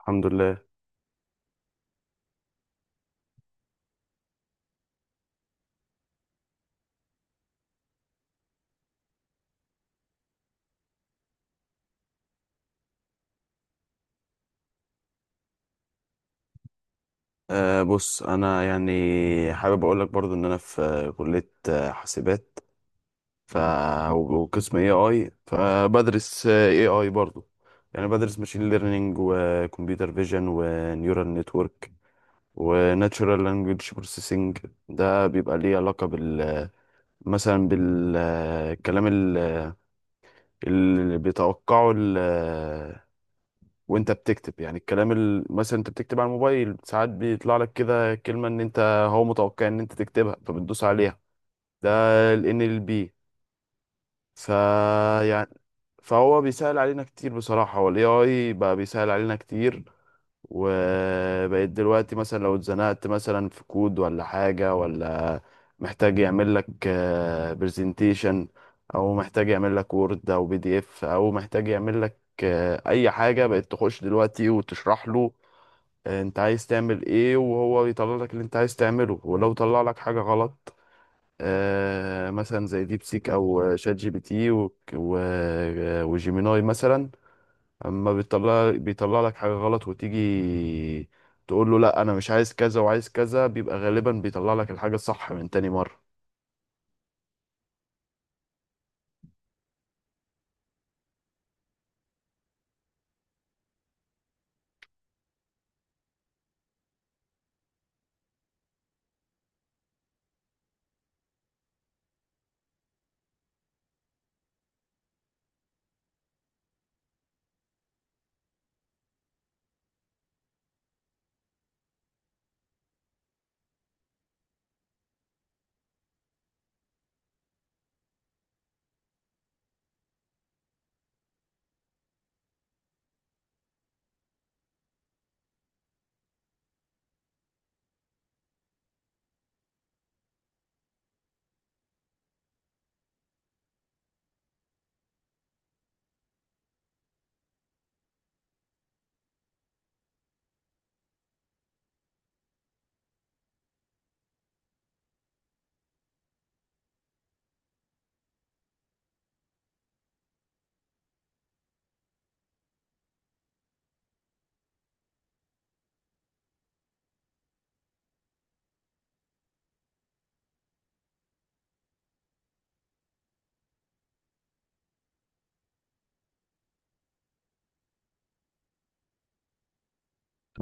الحمد لله. بص، انا يعني حابب اقول لك برضو ان انا في كلية حاسبات، ف وقسم اي اي، فبدرس اي اي برضو. يعني بدرس ماشين ليرنينج وكمبيوتر فيجن ونيورال نتورك وناتشورال لانجويج بروسيسنج. ده بيبقى ليه علاقة مثلا بالكلام اللي بيتوقعه وانت بتكتب، يعني الكلام مثلا انت بتكتب على الموبايل ساعات بيطلع لك كده كلمة ان انت هو متوقع ان انت تكتبها فبتدوس عليها. ده ال NLP. ف يعني فهو بيسهل علينا كتير بصراحة، هو ال AI بقى بيسهل علينا كتير. وبقيت دلوقتي مثلا لو اتزنقت مثلا في كود ولا حاجة، ولا محتاج يعمل لك برزنتيشن، او محتاج يعمل لك وورد او بي دي اف، او محتاج يعمل لك اي حاجه، بقت تخش دلوقتي وتشرح له انت عايز تعمل ايه وهو يطلع لك اللي انت عايز تعمله. ولو طلع لك حاجة غلط، مثلا زي ديب سيك او شات جي بي تي وجيميناي مثلا، اما بيطلع لك حاجة غلط وتيجي تقول له لا انا مش عايز كذا وعايز كذا، بيبقى غالبا بيطلع لك الحاجة الصح من تاني مرة.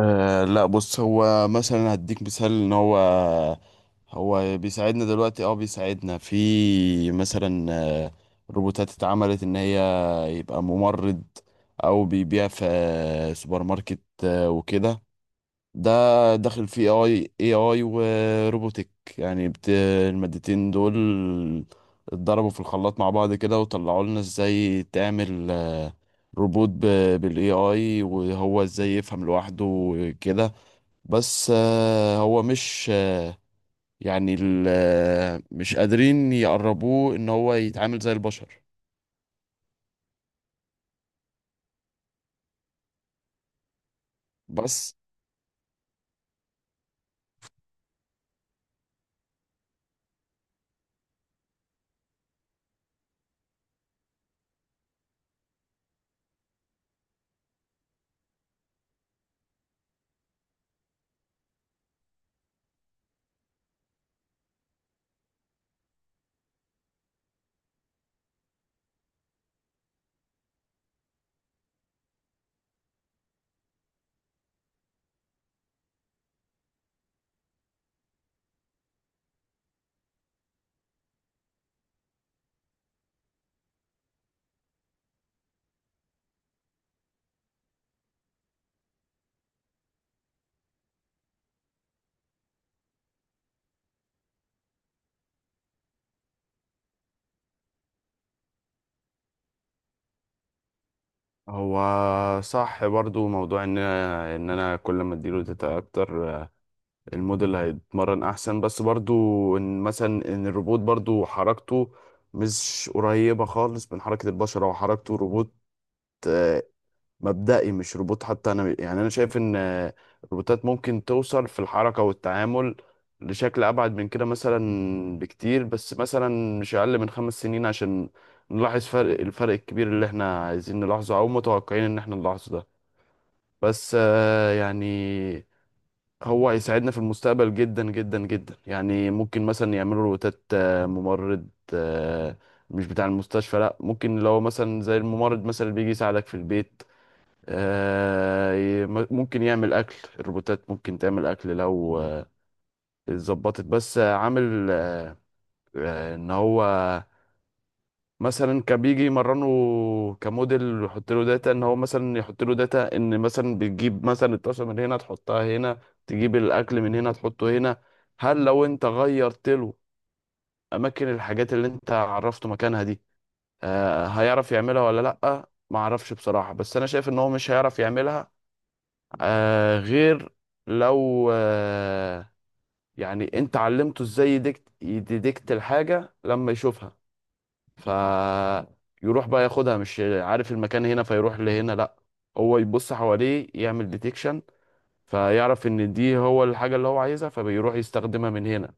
لا بص، هو مثلا هديك مثال ان هو بيساعدنا دلوقتي، بيساعدنا في مثلا روبوتات اتعملت ان هي يبقى ممرض او بيبيع في سوبر ماركت وكده. ده داخل فيه اي اي وروبوتك، يعني المادتين دول اتضربوا في الخلاط مع بعض كده، وطلعوا لنا ازاي تعمل روبوت بالاي اي، وهو ازاي يفهم لوحده كده. بس هو مش يعني ال... آه، مش قادرين يقربوه ان هو يتعامل زي البشر. بس هو صح برضو، موضوع ان انا كل ما اديله داتا اكتر الموديل هيتمرن احسن، بس برضو ان مثلا ان الروبوت برضو حركته مش قريبة خالص من حركة البشر، او حركته روبوت آه، مبدئي، مش روبوت حتى. انا يعني انا شايف ان الروبوتات ممكن توصل في الحركة والتعامل لشكل ابعد من كده مثلا بكتير، بس مثلا مش اقل من خمس سنين عشان نلاحظ الفرق الكبير اللي احنا عايزين نلاحظه او متوقعين ان احنا نلاحظه ده. بس يعني هو هيساعدنا في المستقبل جدا جدا جدا. يعني ممكن مثلا يعملوا روتات ممرض، آه، مش بتاع المستشفى، لا، ممكن لو مثلا زي الممرض مثلا اللي بيجي يساعدك في البيت. ممكن يعمل اكل، الروبوتات ممكن تعمل اكل لو اتظبطت، بس عامل ان هو مثلا كان بيجي يمرنه كموديل ويحط له داتا ان هو مثلا يحط له داتا ان مثلا بتجيب مثلا الطاسه من هنا تحطها هنا، تجيب الاكل من هنا تحطه هنا. هل لو انت غيرت له اماكن الحاجات اللي انت عرفته مكانها دي هيعرف يعملها ولا لا؟ ما اعرفش بصراحه، بس انا شايف ان هو مش هيعرف يعملها غير لو يعني انت علمته ازاي يديكت الحاجه لما يشوفها، فيروح بقى ياخدها مش عارف المكان هنا فيروح لهنا، لا هو يبص حواليه يعمل ديتكشن فيعرف ان دي هو الحاجة اللي هو عايزها فبيروح يستخدمها من هنا.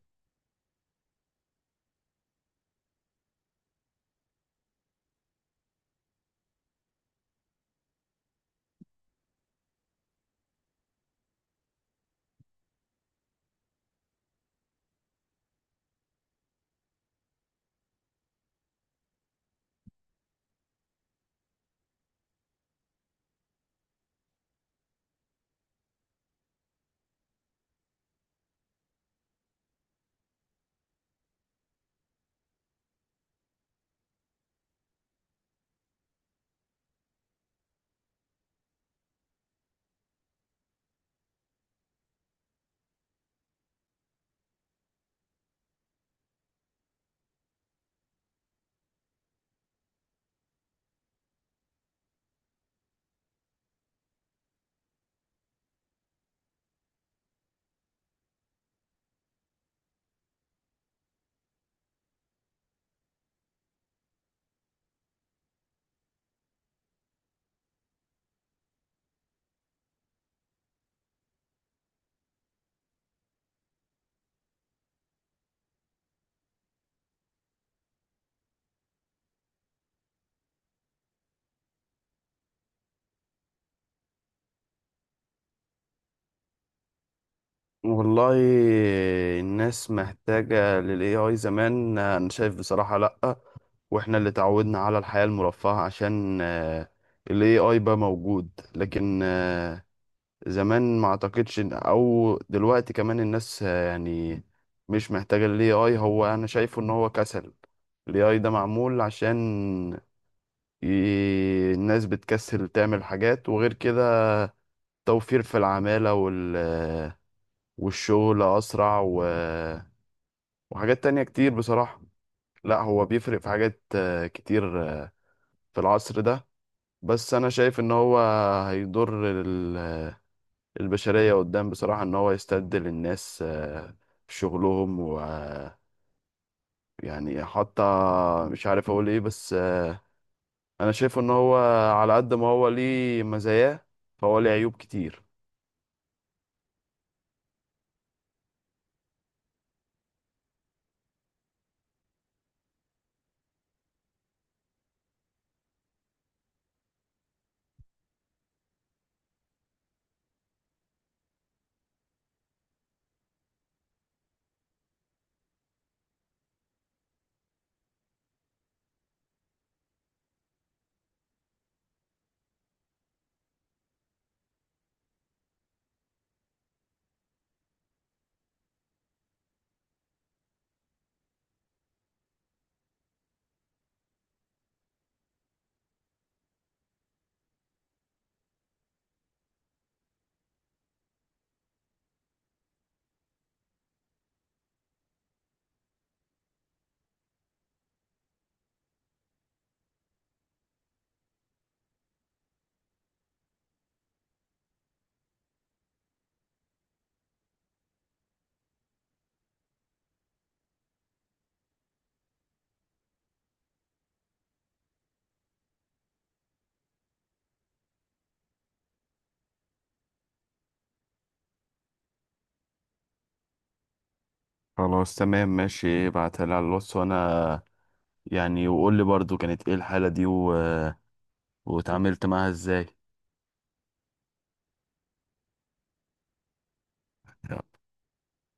والله، الناس محتاجة لل AI زمان، أنا شايف بصراحة لأ، وإحنا اللي تعودنا على الحياة المرفهة عشان ال AI بقى موجود. لكن زمان ما اعتقدش او دلوقتي كمان الناس يعني مش محتاجة ال AI. هو انا شايفه ان هو كسل، ال AI ده معمول عشان الناس بتكسل تعمل حاجات، وغير كده توفير في العمالة والشغل اسرع وحاجات تانية كتير بصراحة. لا هو بيفرق في حاجات كتير في العصر ده، بس انا شايف ان هو هيضر البشرية قدام بصراحة، إن هو يستبدل الناس في شغلهم. ويعني حتى مش عارف أقول إيه، بس أنا شايفه إن هو على قد ما هو ليه مزاياه فهو ليه عيوب كتير. خلاص تمام ماشي، ابعتها لي على الواتس وأنا يعني، وقول لي برضو كانت إيه الحالة دي واتعاملت معاها إزاي.